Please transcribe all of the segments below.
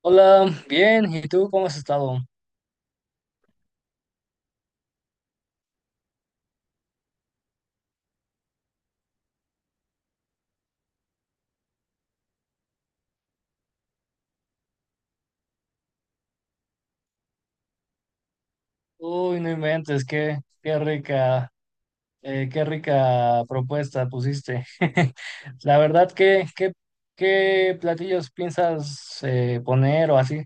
Hola, bien, ¿y tú cómo has estado? Uy, no inventes, qué rica, qué rica propuesta pusiste. La verdad, ¿qué platillos piensas poner o así?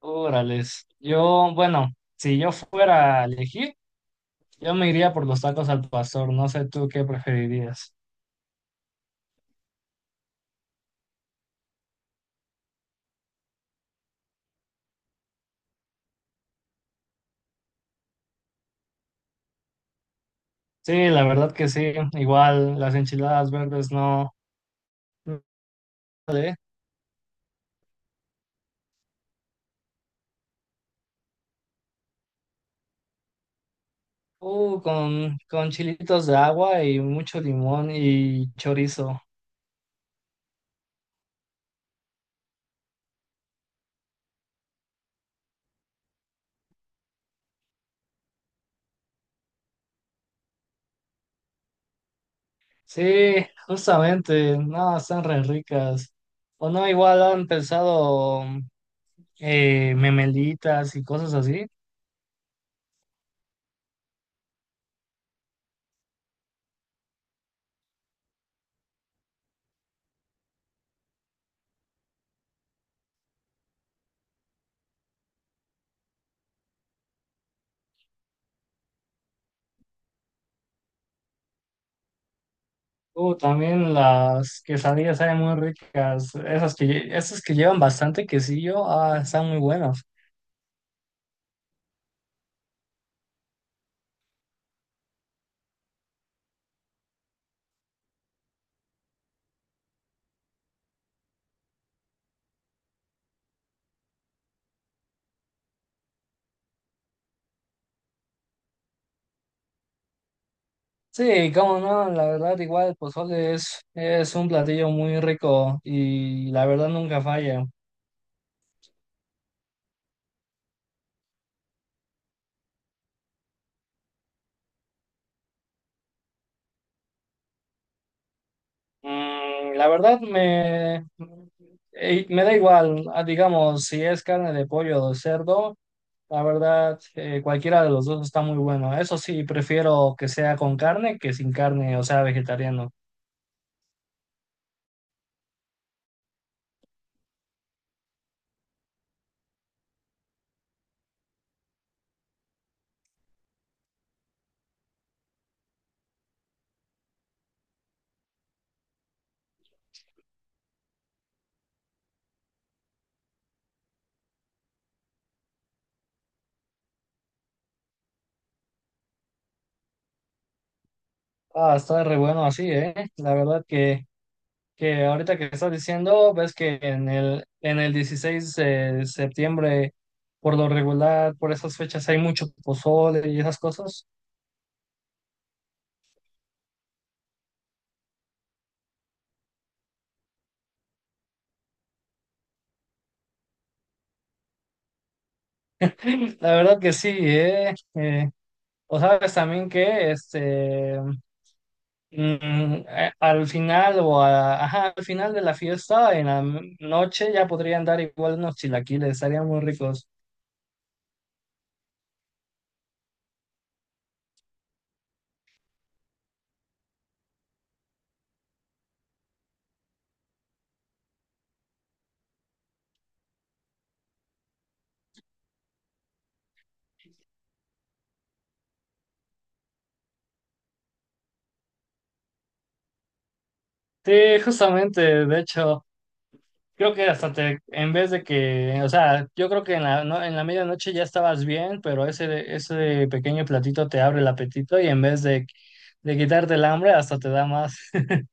Órales, yo, bueno, si yo fuera a elegir, yo me iría por los tacos al pastor, no sé tú qué preferirías. Sí, la verdad que sí, igual las enchiladas verdes no. Con chilitos de agua y mucho limón y chorizo. Sí, justamente, no, están re ricas. O no, igual han pensado memelitas y cosas así. También las quesadillas saben muy ricas. Esas que, esas que llevan bastante quesillo, ah, están muy buenas. Sí, cómo no, la verdad, igual el pozole es un platillo muy rico y la verdad nunca falla. La verdad me, me da igual, ah, digamos, si es carne de pollo o de cerdo, la verdad cualquiera de los dos está muy bueno. Eso sí, prefiero que sea con carne que sin carne, o sea, vegetariano. Ah, está re bueno así, ¿eh? La verdad que ahorita que estás diciendo, ves que en el 16 de septiembre, por lo regular, por esas fechas hay mucho pozole y esas cosas. La verdad que sí, ¿eh? O sabes también que este, al final o ajá, al final de la fiesta, en la noche ya podrían dar igual unos chilaquiles, estarían muy ricos. Sí, justamente, de hecho, creo que hasta te, en vez de que, o sea, yo creo que en la, en la medianoche ya estabas bien, pero ese pequeño platito te abre el apetito y en vez de quitarte el hambre, hasta te da más.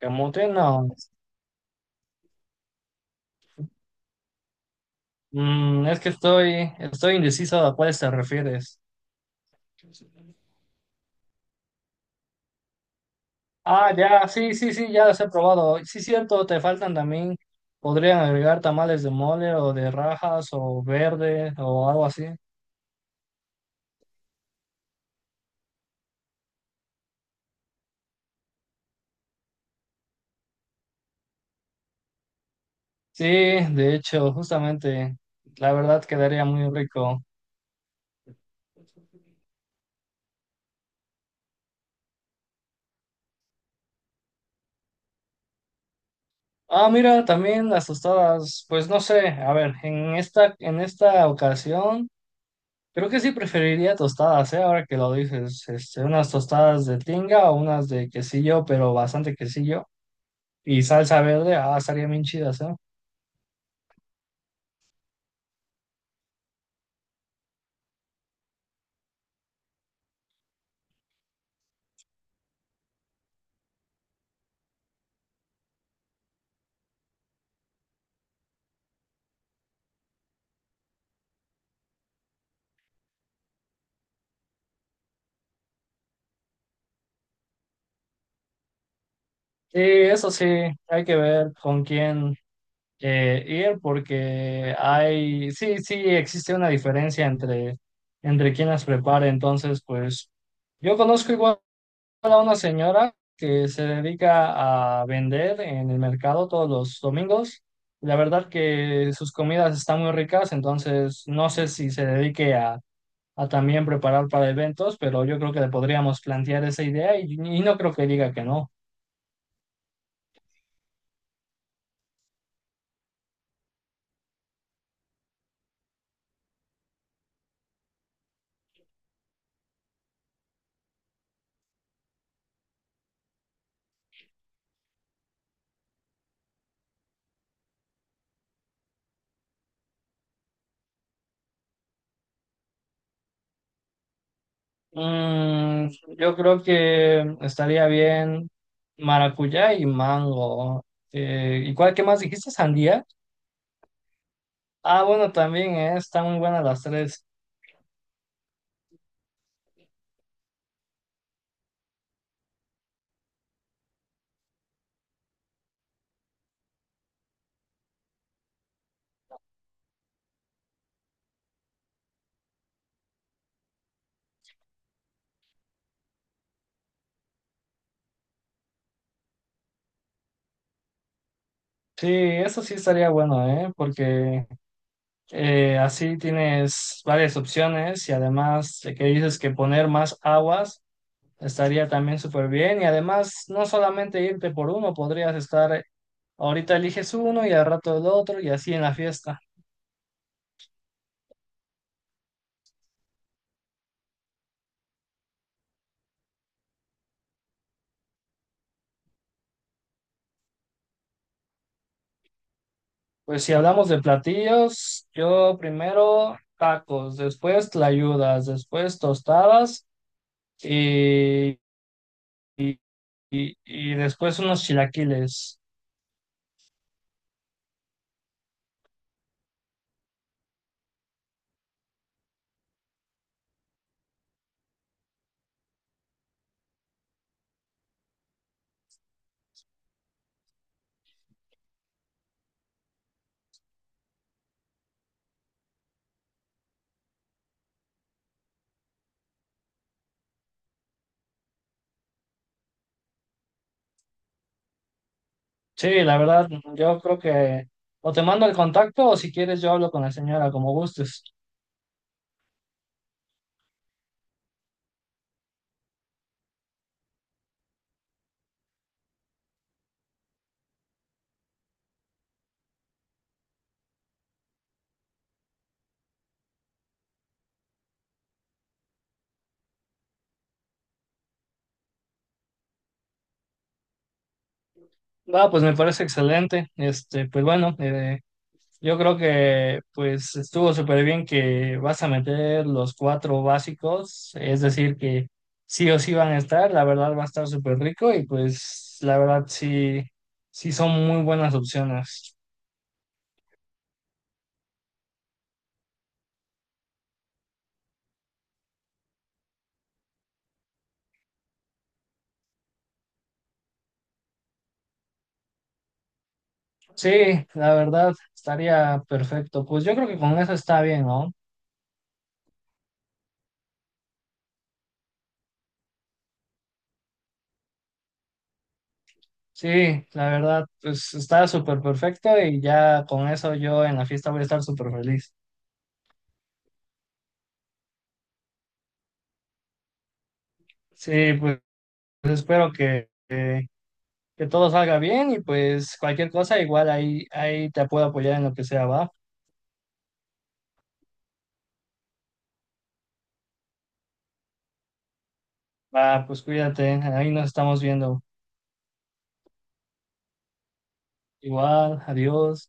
Camote, no. Es que estoy, estoy indeciso a cuáles te refieres. Ah, ya, sí, sí, sí, ya los he probado. Sí, cierto, te faltan también, podrían agregar tamales de mole o de rajas o verde o algo así. Sí, de hecho, justamente, la verdad quedaría muy rico. Ah, mira, también las tostadas, pues no sé, a ver, en esta ocasión, creo que sí preferiría tostadas, ¿eh? Ahora que lo dices, este, unas tostadas de tinga o unas de quesillo, pero bastante quesillo, y salsa verde, ah, estarían bien chidas, ¿eh? Y eso sí, hay que ver con quién eh, ir porque hay, sí, sí existe una diferencia entre, entre quién las prepara. Entonces, pues yo conozco igual a una señora que se dedica a vender en el mercado todos los domingos. La verdad que sus comidas están muy ricas, entonces no sé si se dedique a también preparar para eventos, pero yo creo que le podríamos plantear esa idea y no creo que diga que no. Mm, yo creo que estaría bien maracuyá y mango. ¿Y cuál, qué más dijiste? ¿Sandía? Ah, bueno, también, están muy buenas las tres. Sí, eso sí estaría bueno, ¿eh? Porque así tienes varias opciones y además de que dices que poner más aguas estaría también súper bien y además no solamente irte por uno, podrías estar, ahorita eliges uno y al rato el otro y así en la fiesta. Pues si hablamos de platillos, yo primero tacos, después tlayudas, después tostadas y, y después unos chilaquiles. Sí, la verdad, yo creo que o te mando el contacto o si quieres yo hablo con la señora, como gustes. Va, pues me parece excelente. Este, pues bueno, yo creo que pues estuvo súper bien que vas a meter los cuatro básicos, es decir, que sí o sí van a estar, la verdad va a estar súper rico y pues la verdad sí, sí son muy buenas opciones. Sí, la verdad estaría perfecto. Pues yo creo que con eso está bien, ¿no? Sí, la verdad pues está súper perfecto y ya con eso yo en la fiesta voy a estar súper feliz. Sí, pues espero que todo salga bien y pues cualquier cosa, igual ahí, ahí te puedo apoyar en lo que sea, va. Va, pues cuídate, ahí nos estamos viendo. Igual, adiós.